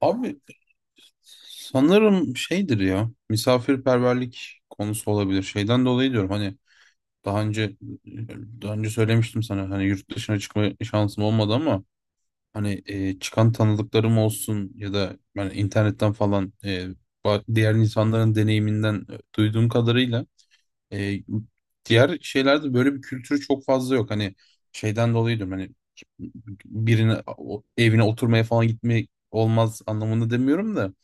Abi sanırım şeydir ya misafirperverlik konusu olabilir. Şeyden dolayı diyorum hani daha önce daha önce söylemiştim sana hani yurt dışına çıkma şansım olmadı ama hani çıkan tanıdıklarım olsun ya da ben internetten falan diğer insanların deneyiminden duyduğum kadarıyla e, diğer şeylerde böyle bir kültür çok fazla yok. Hani şeyden dolayı diyorum hani birine evine oturmaya falan gitmek olmaz anlamında demiyorum da.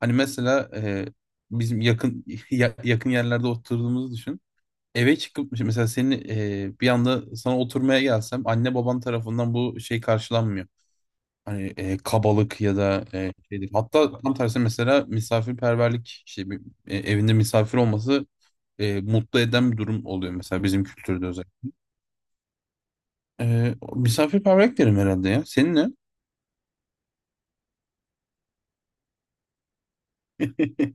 Hani mesela bizim yakın yakın yerlerde oturduğumuzu düşün. Eve çıkıp mesela senin bir anda sana oturmaya gelsem anne baban tarafından bu şey karşılanmıyor. Hani kabalık ya da şeydir. Hatta tam tersi mesela misafirperverlik işte bir, evinde misafir olması mutlu eden bir durum oluyor mesela bizim kültürde özellikle. Misafirperverlik derim herhalde ya. Senin ne?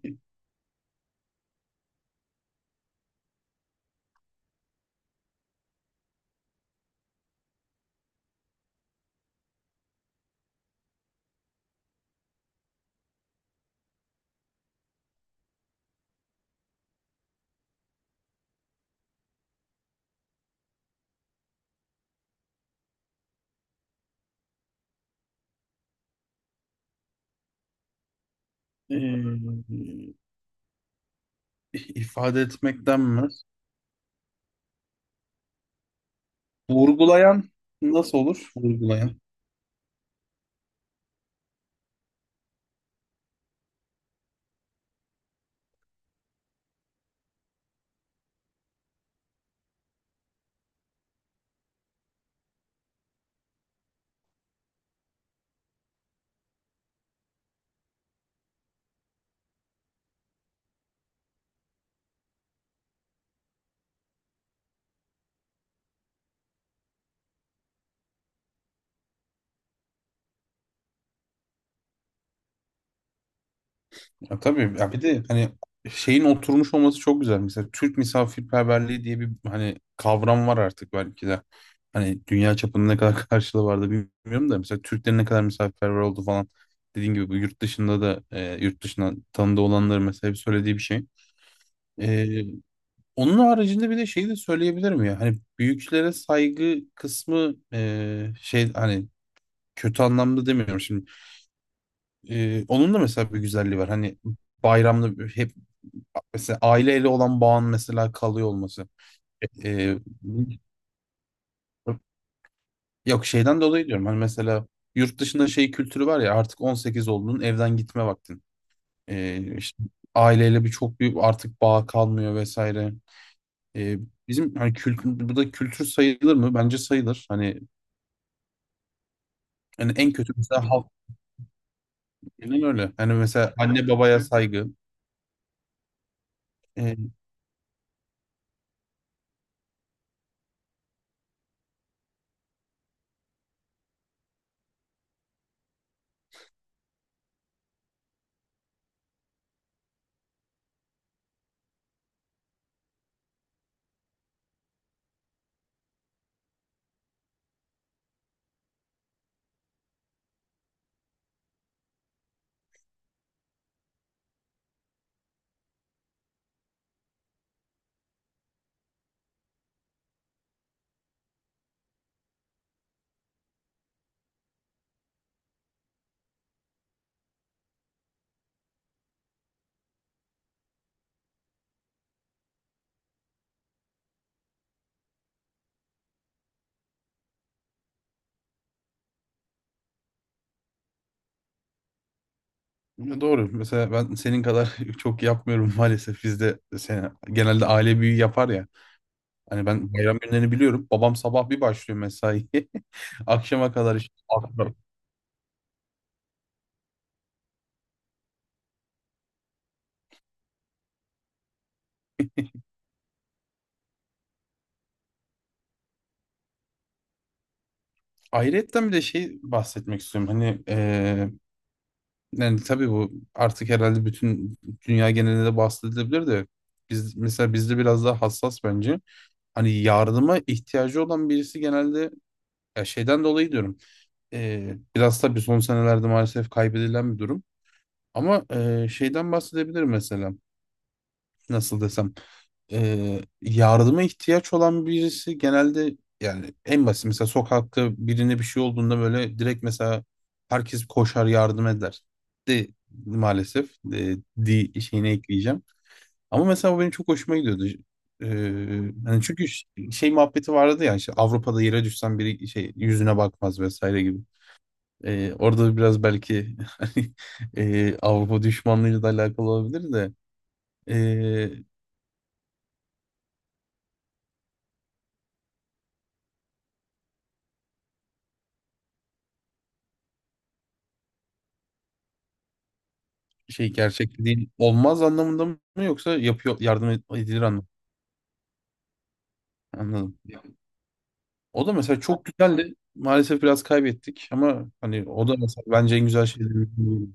İfade etmekten mi? Vurgulayan nasıl olur? Vurgulayan. Ya tabii ya, bir de hani şeyin oturmuş olması çok güzel. Mesela Türk misafirperverliği diye bir hani kavram var artık belki de. Hani dünya çapında ne kadar karşılığı vardı bilmiyorum da mesela Türklerin ne kadar misafirperver oldu falan. Dediğim gibi bu yurt dışında da yurt dışında tanıdığı olanların mesela hep söylediği bir şey. E, Onun haricinde bir de şeyi de söyleyebilirim ya. Hani büyüklere saygı kısmı şey, hani kötü anlamda demiyorum şimdi. Onun da mesela bir güzelliği var. Hani bayramda hep mesela aileyle olan bağın mesela kalıyor olması. Ee, Yok, şeyden dolayı diyorum. Hani mesela yurt dışında şey kültürü var ya, artık 18 oldun, evden gitme vaktin. İşte aileyle bir çok büyük artık bağ kalmıyor vesaire. Ee, Bizim hani kültür, bu da kültür sayılır mı? Bence sayılır. Hani, en kötü mesela halk, aynen öyle. Hani mesela anne babaya saygı. Ya doğru. Mesela ben senin kadar çok yapmıyorum maalesef. Bizde sen, genelde aile büyüğü yapar ya. Hani ben bayram günlerini biliyorum. Babam sabah bir başlıyor mesaiye. Akşama kadar işte. Aktarım. Ayrıyetten bir de şey bahsetmek istiyorum. Hani yani tabii, bu artık herhalde bütün dünya genelinde de bahsedilebilir de biz mesela, bizde biraz daha hassas bence. Hani yardıma ihtiyacı olan birisi genelde, ya şeyden dolayı diyorum. Biraz tabii son senelerde maalesef kaybedilen bir durum. Ama şeyden bahsedebilirim mesela. Nasıl desem. Yardıma ihtiyaç olan birisi, genelde yani en basit mesela sokakta birine bir şey olduğunda böyle direkt mesela herkes koşar, yardım eder. De maalesef şeyine ekleyeceğim. Ama mesela bu benim çok hoşuma gidiyordu. E, Hani çünkü şey muhabbeti vardı ya, işte Avrupa'da yere düşsen biri şey yüzüne bakmaz vesaire gibi. Orada biraz belki, hani, Avrupa düşmanlığıyla da alakalı olabilir de ee, şey gerçekliğin olmaz anlamında mı, yoksa yapıyor yardım edilir anlamında. Anladım. O da mesela çok güzeldi. Maalesef biraz kaybettik ama hani o da mesela bence en güzel şeylerden biri.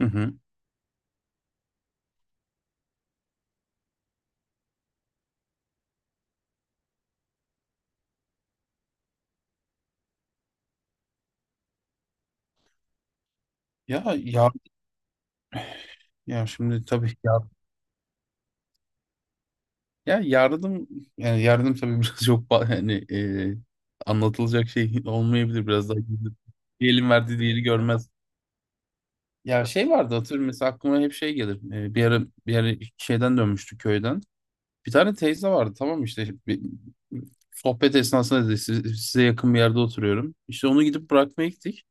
Hı hı. Ya ya ya şimdi tabii ya, ya yardım, yani yardım tabii, biraz çok yani anlatılacak şey olmayabilir, biraz daha gizli. Bir elin verdiği diğeri görmez. Ya şey vardı hatırlıyorum, mesela aklıma hep şey gelir. Bir ara şeyden dönmüştü, köyden. Bir tane teyze vardı, tamam mı? İşte sohbet esnasında dedi, size yakın bir yerde oturuyorum." İşte onu gidip bırakmaya gittik.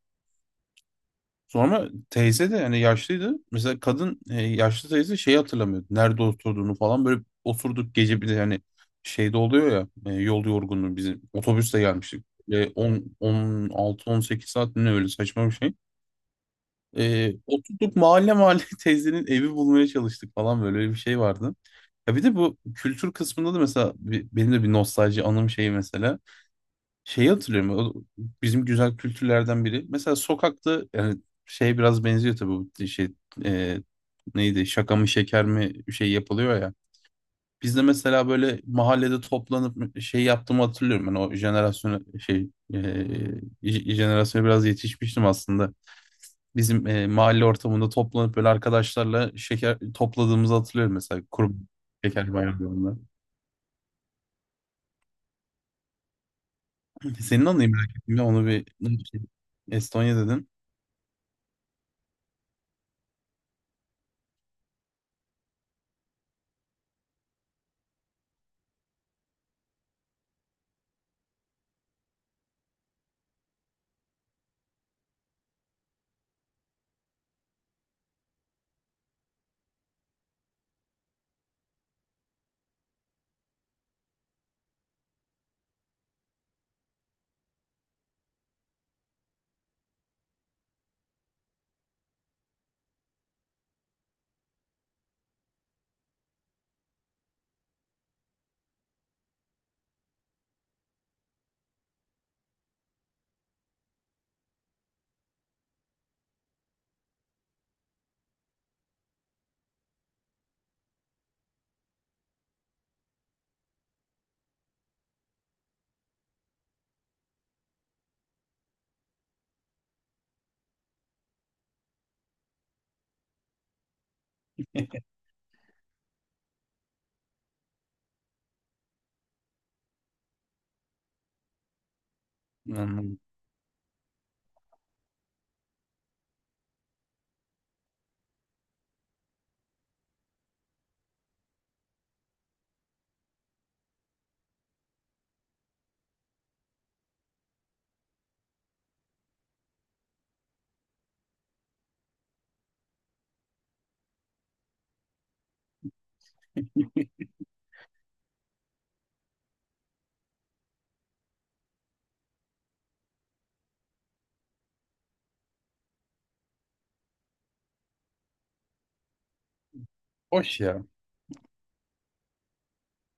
Sonra teyze de yani yaşlıydı. Mesela kadın, yaşlı teyze şeyi hatırlamıyordu, nerede oturduğunu falan. Böyle oturduk gece, bir de yani şeyde oluyor ya, yol yorgunluğu, bizim otobüsle gelmiştik. Ve on 16 18 saat mi ne, öyle saçma bir şey. Oturduk mahalle mahalle teyzenin evi bulmaya çalıştık falan, böyle bir şey vardı. Ya bir de bu kültür kısmında da mesela benim de bir nostalji anım şeyi mesela. Şeyi hatırlıyorum, o bizim güzel kültürlerden biri. Mesela sokakta yani şey biraz benziyor tabii, bu şey, e, neydi, şaka mı şeker mi, şey yapılıyor ya. Biz de mesela böyle mahallede toplanıp şey yaptığımı hatırlıyorum. Ben o jenerasyona şey, jenerasyona biraz yetişmiştim aslında. Bizim mahalle ortamında toplanıp böyle arkadaşlarla şeker topladığımızı hatırlıyorum, mesela kurum şeker bayramlarında. Senin anıyı merak ettim ya, onu bir. Estonya'da, Estonya dedin. Anladım. Hoş ya.